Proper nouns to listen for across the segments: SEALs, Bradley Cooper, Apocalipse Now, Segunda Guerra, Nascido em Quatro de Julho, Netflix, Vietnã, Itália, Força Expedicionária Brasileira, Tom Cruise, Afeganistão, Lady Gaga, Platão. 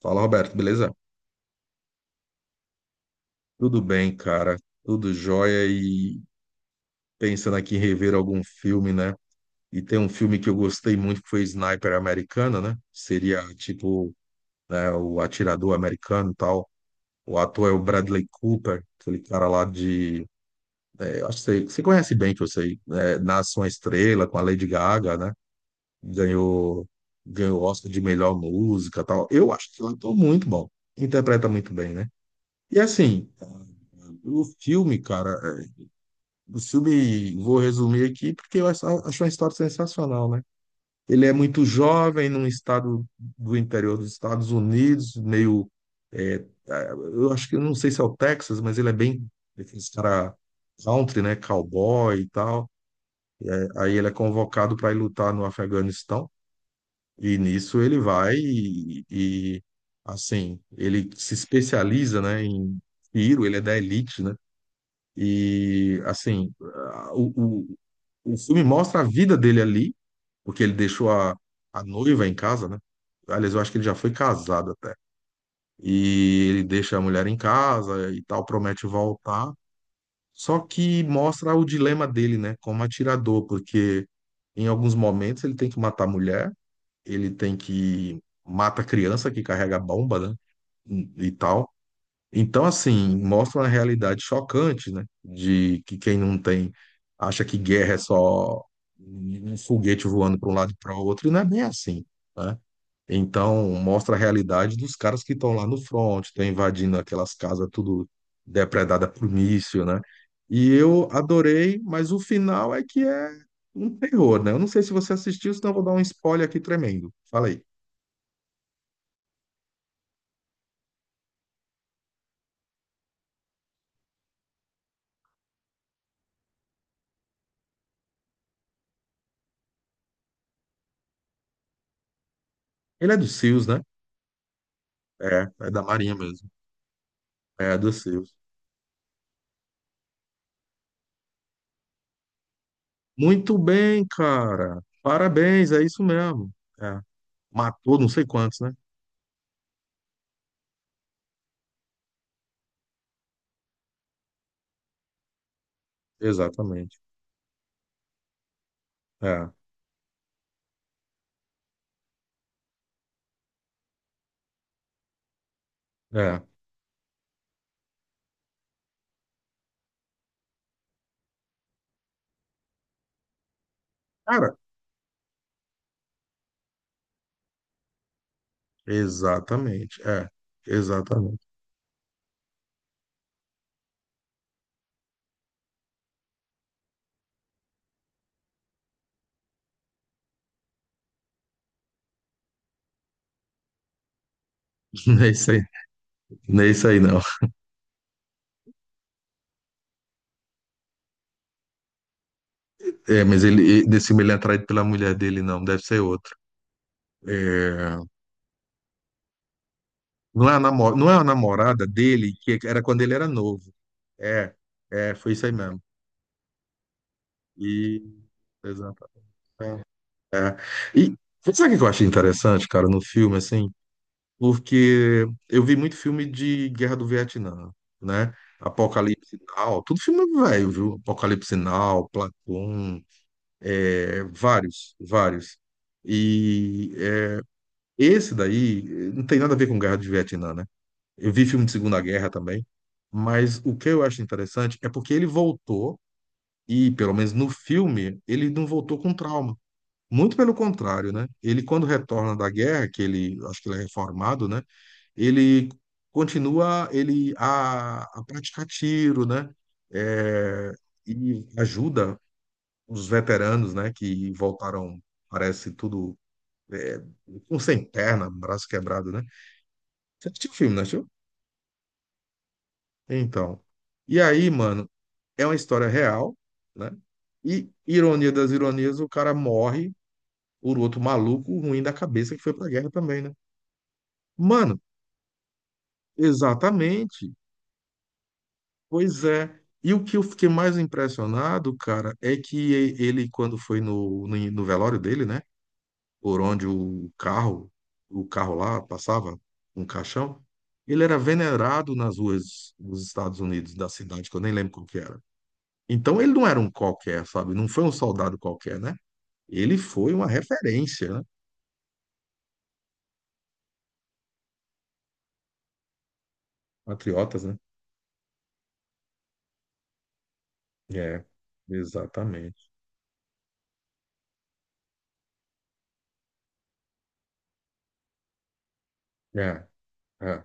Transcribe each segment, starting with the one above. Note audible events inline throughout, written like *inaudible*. Fala, Roberto, beleza? Tudo bem, cara? Tudo jóia e pensando aqui em rever algum filme, né? E tem um filme que eu gostei muito que foi Sniper Americana, né? Seria tipo, né, o atirador americano e tal. O ator é o Bradley Cooper, aquele cara lá de. Acho que você conhece bem, que eu sei. Né? Nasce uma Estrela com a Lady Gaga, né? Ganhou, ganhou o Oscar de melhor música e tal. Eu acho que ele ator é muito bom. Interpreta muito bem, né? E assim, o filme, cara. O filme, vou resumir aqui, porque eu acho uma história sensacional, né? Ele é muito jovem, num estado do interior dos Estados Unidos, meio. é, eu acho que eu não sei se é o Texas, mas ele é bem. Esse cara country, né? Cowboy e tal. É, aí ele é convocado para ir lutar no Afeganistão, e nisso ele vai assim, ele se especializa, né, em tiro, ele é da elite, né? E, assim, o filme mostra a vida dele ali, porque ele deixou a noiva em casa, né? Aliás, eu acho que ele já foi casado até. E ele deixa a mulher em casa e tal, promete voltar. Só que mostra o dilema dele, né? Como atirador, porque em alguns momentos ele tem que matar a mulher, ele tem que mata a criança que carrega a bomba, né? E tal. Então, assim, mostra uma realidade chocante, né? De que quem não tem acha que guerra é só um foguete voando para um lado e para o outro, e não é bem assim, né? Então, mostra a realidade dos caras que estão lá no front, estão invadindo aquelas casas tudo depredada por míssil, né? E eu adorei, mas o final é que é um terror, né? Eu não sei se você assistiu, senão eu vou dar um spoiler aqui tremendo. Falei. Ele é do SEALs, né? É, é da Marinha mesmo. É do SEALs. Muito bem, cara. Parabéns, é isso mesmo. É. Matou não sei quantos, né? Exatamente. É, é. Cara, exatamente. É, exatamente. *laughs* Não é isso aí, não é isso aí, não. É, mas ele, nesse filme ele é atraído pela mulher dele, não. Deve ser outro. É, não é a namorada dele, que era quando ele era novo. É, é, foi isso aí mesmo. E, exato. É. E sabe o que eu achei interessante, cara, no filme, assim? Porque eu vi muito filme de Guerra do Vietnã, né? Apocalipse Now, tudo filme velho, viu? Apocalipse Now, Platão, vários, vários. E esse daí não tem nada a ver com Guerra do Vietnã, né? Eu vi filme de Segunda Guerra também, mas o que eu acho interessante é porque ele voltou, e pelo menos no filme, ele não voltou com trauma. Muito pelo contrário, né? Ele, quando retorna da guerra, que ele, acho que ele é reformado, né? Ele continua ele a praticar tiro, né? É, e ajuda os veteranos, né? Que voltaram, parece tudo é, com sem perna, um braço quebrado, né? Você assistiu o filme, não assistiu? Então, e aí, mano, é uma história real, né? E ironia das ironias, o cara morre por outro maluco ruim da cabeça que foi pra guerra também, né? Mano, exatamente. Pois é. E o que eu fiquei mais impressionado, cara, é que ele, quando foi no velório dele, né? Por onde o carro lá passava, um caixão, ele era venerado nas ruas dos Estados Unidos, da cidade, que eu nem lembro qual que era. Então ele não era um qualquer, sabe? Não foi um soldado qualquer, né? Ele foi uma referência, né? Patriotas, né? É, exatamente. É, é,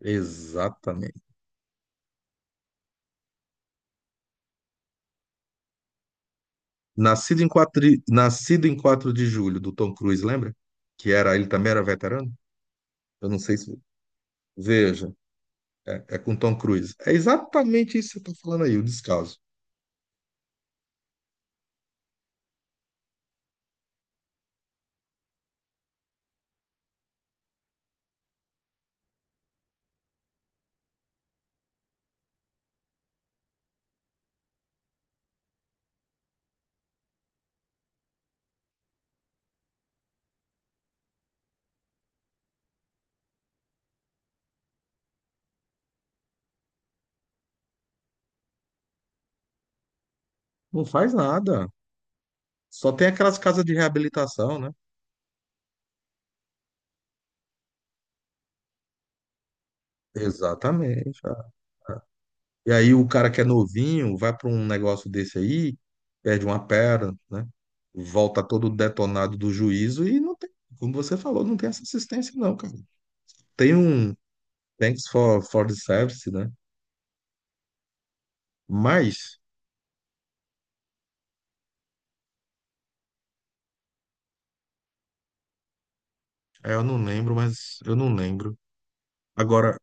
exatamente. Nascido em quatro de julho, do Tom Cruise, lembra? Que era, ele também era veterano? Eu não sei se. Veja, é com Tom Cruise. É exatamente isso que você está falando aí, o descaso. Não faz nada. Só tem aquelas casas de reabilitação, né? Exatamente. Ah. Ah. E aí o cara que é novinho vai para um negócio desse aí, perde uma perna, né? Volta todo detonado do juízo e não tem, como você falou, não tem essa assistência, não, cara. Tem um thanks for the service, né? Mas, eu não lembro, mas eu não lembro. Agora,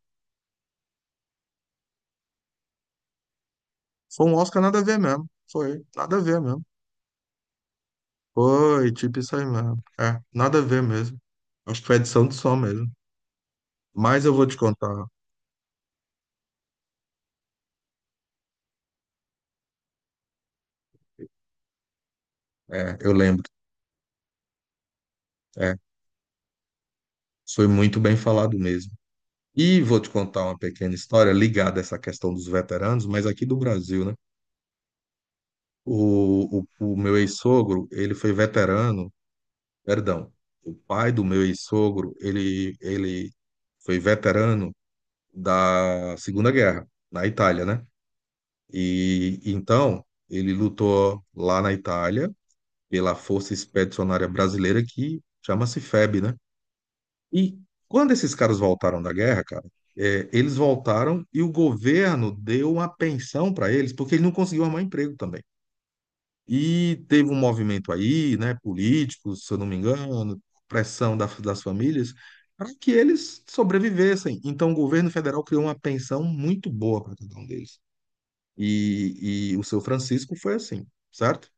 foi um Oscar nada a ver mesmo. Foi, nada a ver mesmo. Foi, tipo isso aí mesmo. É, nada a ver mesmo. Acho que foi edição de som mesmo. Mas eu vou te contar. É, eu lembro. É, foi muito bem falado mesmo. E vou te contar uma pequena história ligada a essa questão dos veteranos, mas aqui do Brasil, né? O meu ex-sogro, ele foi veterano, perdão, o pai do meu ex-sogro, ele foi veterano da Segunda Guerra, na Itália, né? E então ele lutou lá na Itália pela Força Expedicionária Brasileira, que chama-se FEB, né? E quando esses caras voltaram da guerra, cara, eles voltaram e o governo deu uma pensão para eles, porque eles não conseguiu arrumar emprego também. E teve um movimento aí, né, político, se eu não me engano, pressão das famílias, para que eles sobrevivessem. Então, o governo federal criou uma pensão muito boa para cada um deles. E o seu Francisco foi assim, certo?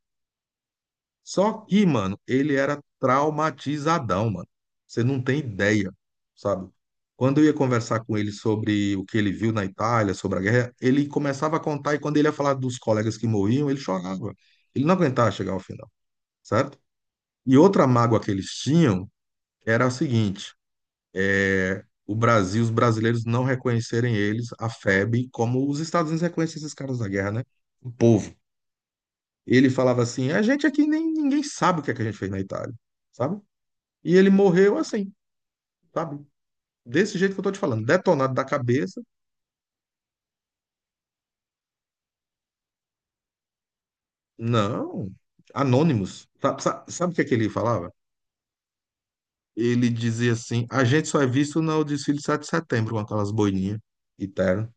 Só que, mano, ele era traumatizadão, mano. Você não tem ideia, sabe? Quando eu ia conversar com ele sobre o que ele viu na Itália, sobre a guerra, ele começava a contar e quando ele ia falar dos colegas que morriam, ele chorava. Ele não aguentava chegar ao final, certo? E outra mágoa que eles tinham era a seguinte: é o Brasil, os brasileiros não reconhecerem eles, a FEB, como os Estados Unidos reconhecem esses caras da guerra, né? O povo. Ele falava assim: a gente aqui nem ninguém sabe o que é que a gente fez na Itália, sabe? E ele morreu assim, sabe? Desse jeito que eu tô te falando, detonado da cabeça. Não, anônimos. Sabe, sabe, sabe o que é que ele falava? Ele dizia assim: a gente só é visto no desfile de 7 de setembro com aquelas boininhas e terno.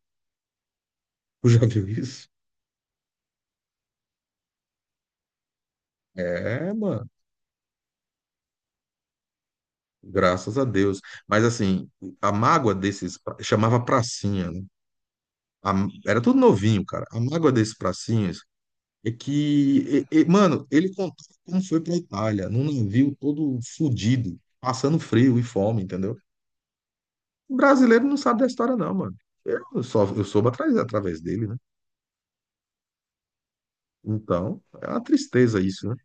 Tu já viu isso? É, mano, graças a Deus. Mas assim, a mágoa desses chamava pracinha, né? Era tudo novinho, cara. A mágoa desses pracinhas é que, mano, ele contou como foi pra Itália, num navio todo fudido, passando frio e fome, entendeu? O brasileiro não sabe da história, não, mano. Eu só eu soube atrás, através dele, né? Então, é uma tristeza isso, né?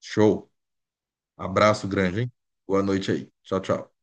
Show. Abraço grande, hein? Boa noite aí. Tchau, tchau.